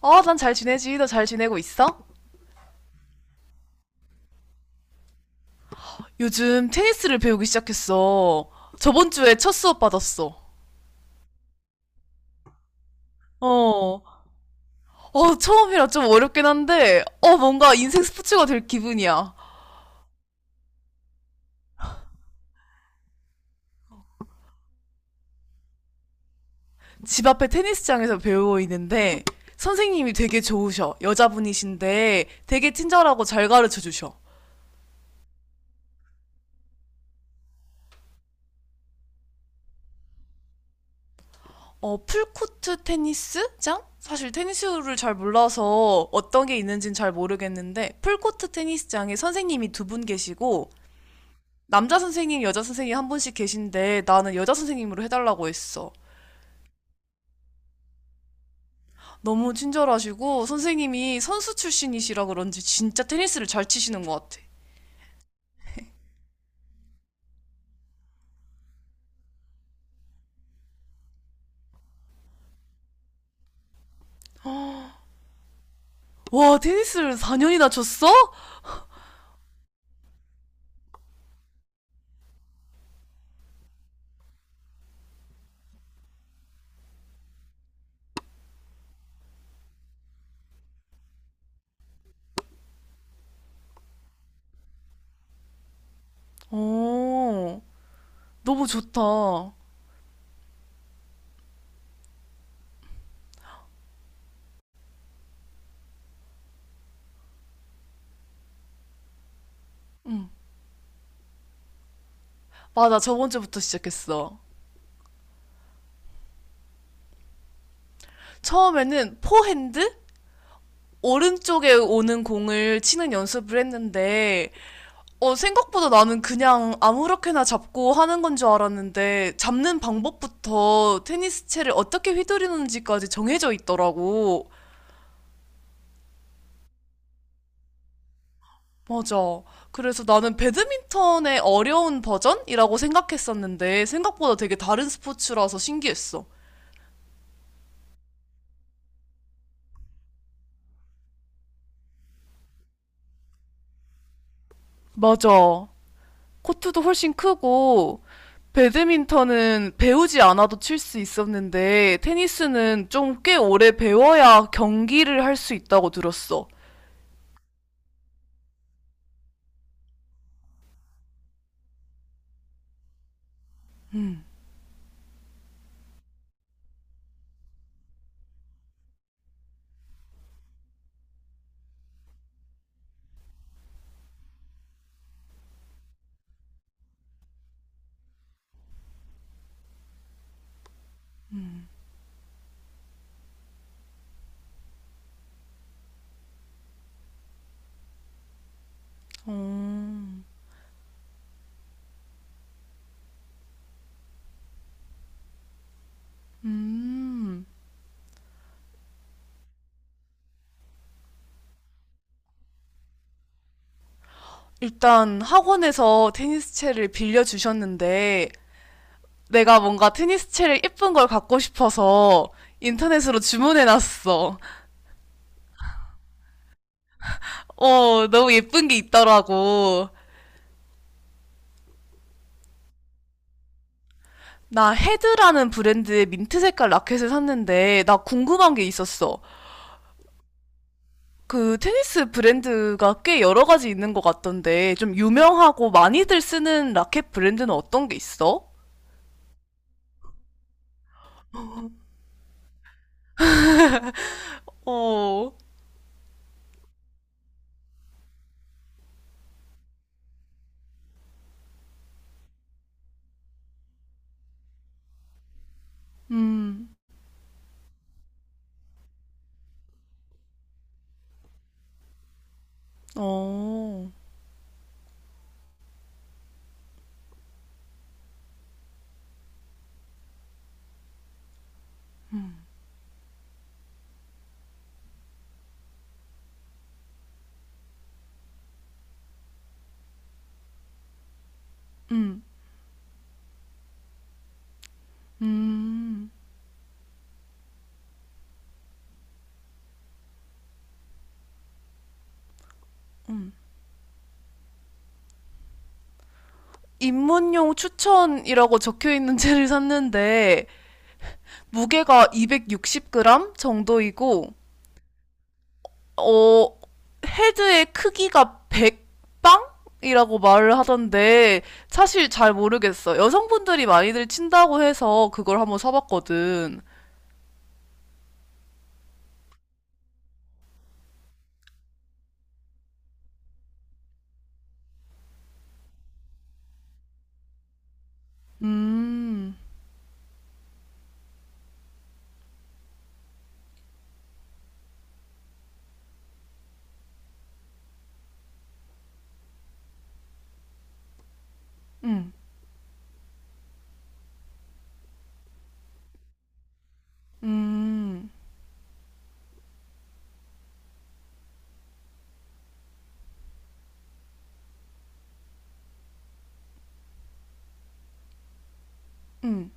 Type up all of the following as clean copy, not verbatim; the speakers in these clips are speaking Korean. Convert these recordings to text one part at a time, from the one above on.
어, 난 잘 지내지. 너 잘 지내고 있어? 요즘 테니스를 배우기 시작했어. 저번 주에 첫 수업 받았어. 어. 어, 처음이라 좀 어렵긴 한데, 뭔가 인생 스포츠가 될 기분이야. 집 앞에 테니스장에서 배우고 있는데, 선생님이 되게 좋으셔. 여자분이신데, 되게 친절하고 잘 가르쳐 주셔. 어, 풀코트 테니스장? 사실 테니스를 잘 몰라서 어떤 게 있는지는 잘 모르겠는데, 풀코트 테니스장에 선생님이 두 분 계시고, 남자 선생님, 여자 선생님 한 분씩 계신데 나는 여자 선생님으로 해달라고 했어. 너무 친절하시고 선생님이 선수 출신이시라 그런지 진짜 테니스를 잘 치시는 것 같아. 와, 테니스를 4년이나 쳤어? 오, 너무 좋다. 맞아, 저번 주부터 시작했어. 처음에는 포핸드? 오른쪽에 오는 공을 치는 연습을 했는데 생각보다 나는 그냥 아무렇게나 잡고 하는 건 줄 알았는데, 잡는 방법부터 테니스 채를 어떻게 휘두르는지까지 정해져 있더라고. 맞아. 그래서 나는 배드민턴의 어려운 버전이라고 생각했었는데, 생각보다 되게 다른 스포츠라서 신기했어. 맞아. 코트도 훨씬 크고, 배드민턴은 배우지 않아도 칠 수 있었는데, 테니스는 좀 꽤 오래 배워야 경기를 할 수 있다고 들었어. 음. 음, 일단 학원에서 테니스채를 빌려주셨는데, 내가 뭔가 테니스채를 예쁜 걸 갖고 싶어서 인터넷으로 주문해놨어. 어, 너무 예쁜 게 있더라고. 나 헤드라는 브랜드의 민트 색깔 라켓을 샀는데, 나 궁금한 게 있었어. 그 테니스 브랜드가 꽤 여러 가지 있는 것 같던데, 좀 유명하고 많이들 쓰는 라켓 브랜드는 어떤 게 있어? 어, 음, 어, 음. 음. 입문용 추천이라고 적혀 있는 채를 샀는데 무게가 260g 정도이고 어 헤드의 크기가 100방이라고 말을 하던데 사실 잘 모르겠어. 여성분들이 많이들 친다고 해서 그걸 한번 사봤거든. 음. 음, 음, 음,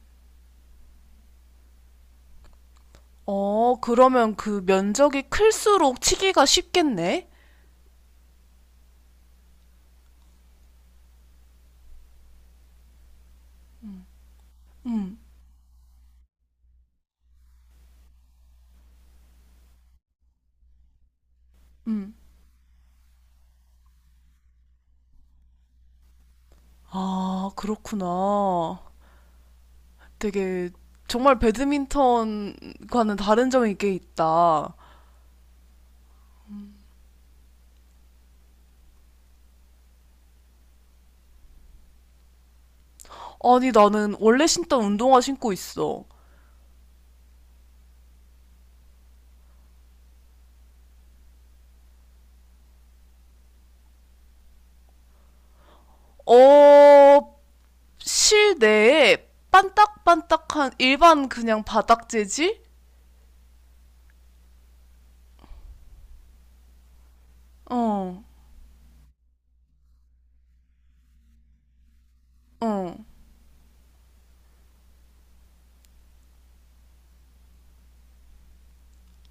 어, 그러면 그 면적이 클수록 치기가 쉽겠네? 음, 음. 아, 그렇구나. 되게 정말 배드민턴과는 다른 점이 꽤 있다. 아니, 나는 원래 신던 운동화 신고 있어. 어, 실내에 반딱반딱한 일반 그냥 바닥 재질? 어, 어.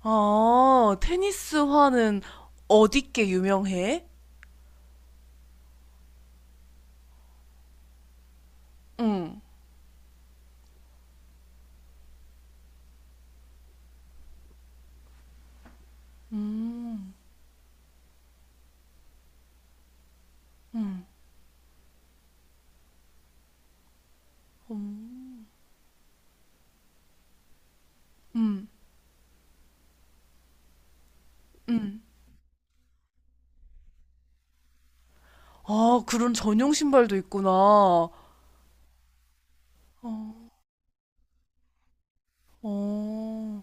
아, 테니스화는 어디께 유명해? 응, 음, 음, 음, 음, 음. 아, 그런 전용 신발도 있구나. 어, 어.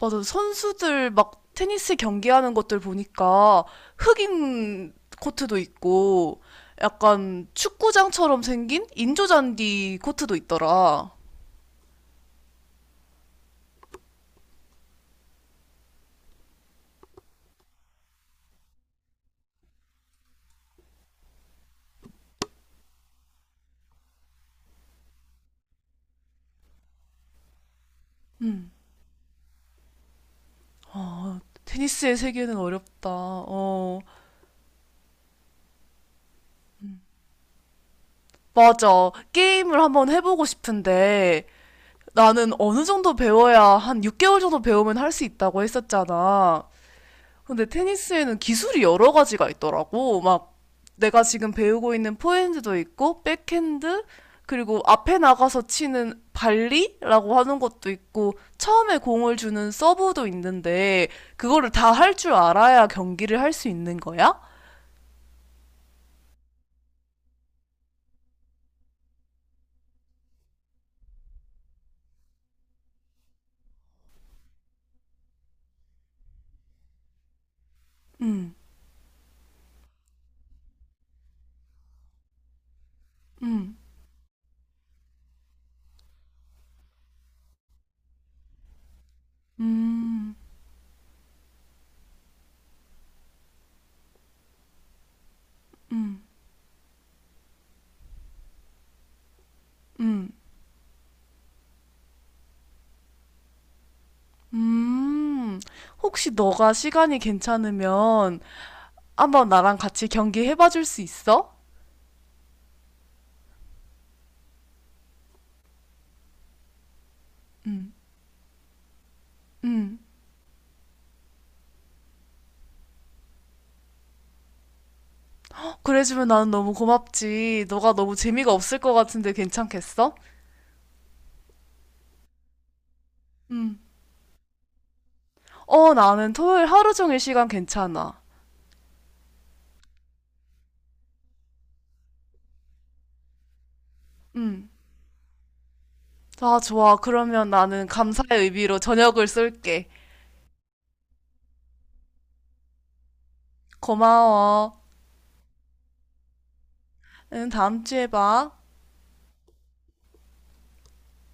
맞아. 선수들 막 테니스 경기하는 것들 보니까 흑인 코트도 있고 약간 축구장처럼 생긴 인조잔디 코트도 있더라. 테니스의 세계는 어렵다. 어, 맞아. 게임을 한번 해보고 싶은데 나는 어느 정도 배워야 한 6개월 정도 배우면 할 수 있다고 했었잖아. 근데 테니스에는 기술이 여러 가지가 있더라고. 막 내가 지금 배우고 있는 포핸드도 있고, 백핸드, 그리고 앞에 나가서 치는 발리라고 하는 것도 있고, 처음에 공을 주는 서브도 있는데, 그거를 다 할 줄 알아야 경기를 할 수 있는 거야? 음, 음, 음, 음. 혹시 너가 시간이 괜찮으면 한번 나랑 같이 경기 해봐 줄 수 있어? 음. 그래주면 나는 너무 고맙지. 너가 너무 재미가 없을 것 같은데 괜찮겠어? 음. 어, 나는 토요일 하루 종일 시간 괜찮아. 음. 아, 좋아. 그러면 나는 감사의 의미로 저녁을 쏠게. 고마워. 응, 다음 주에 봐.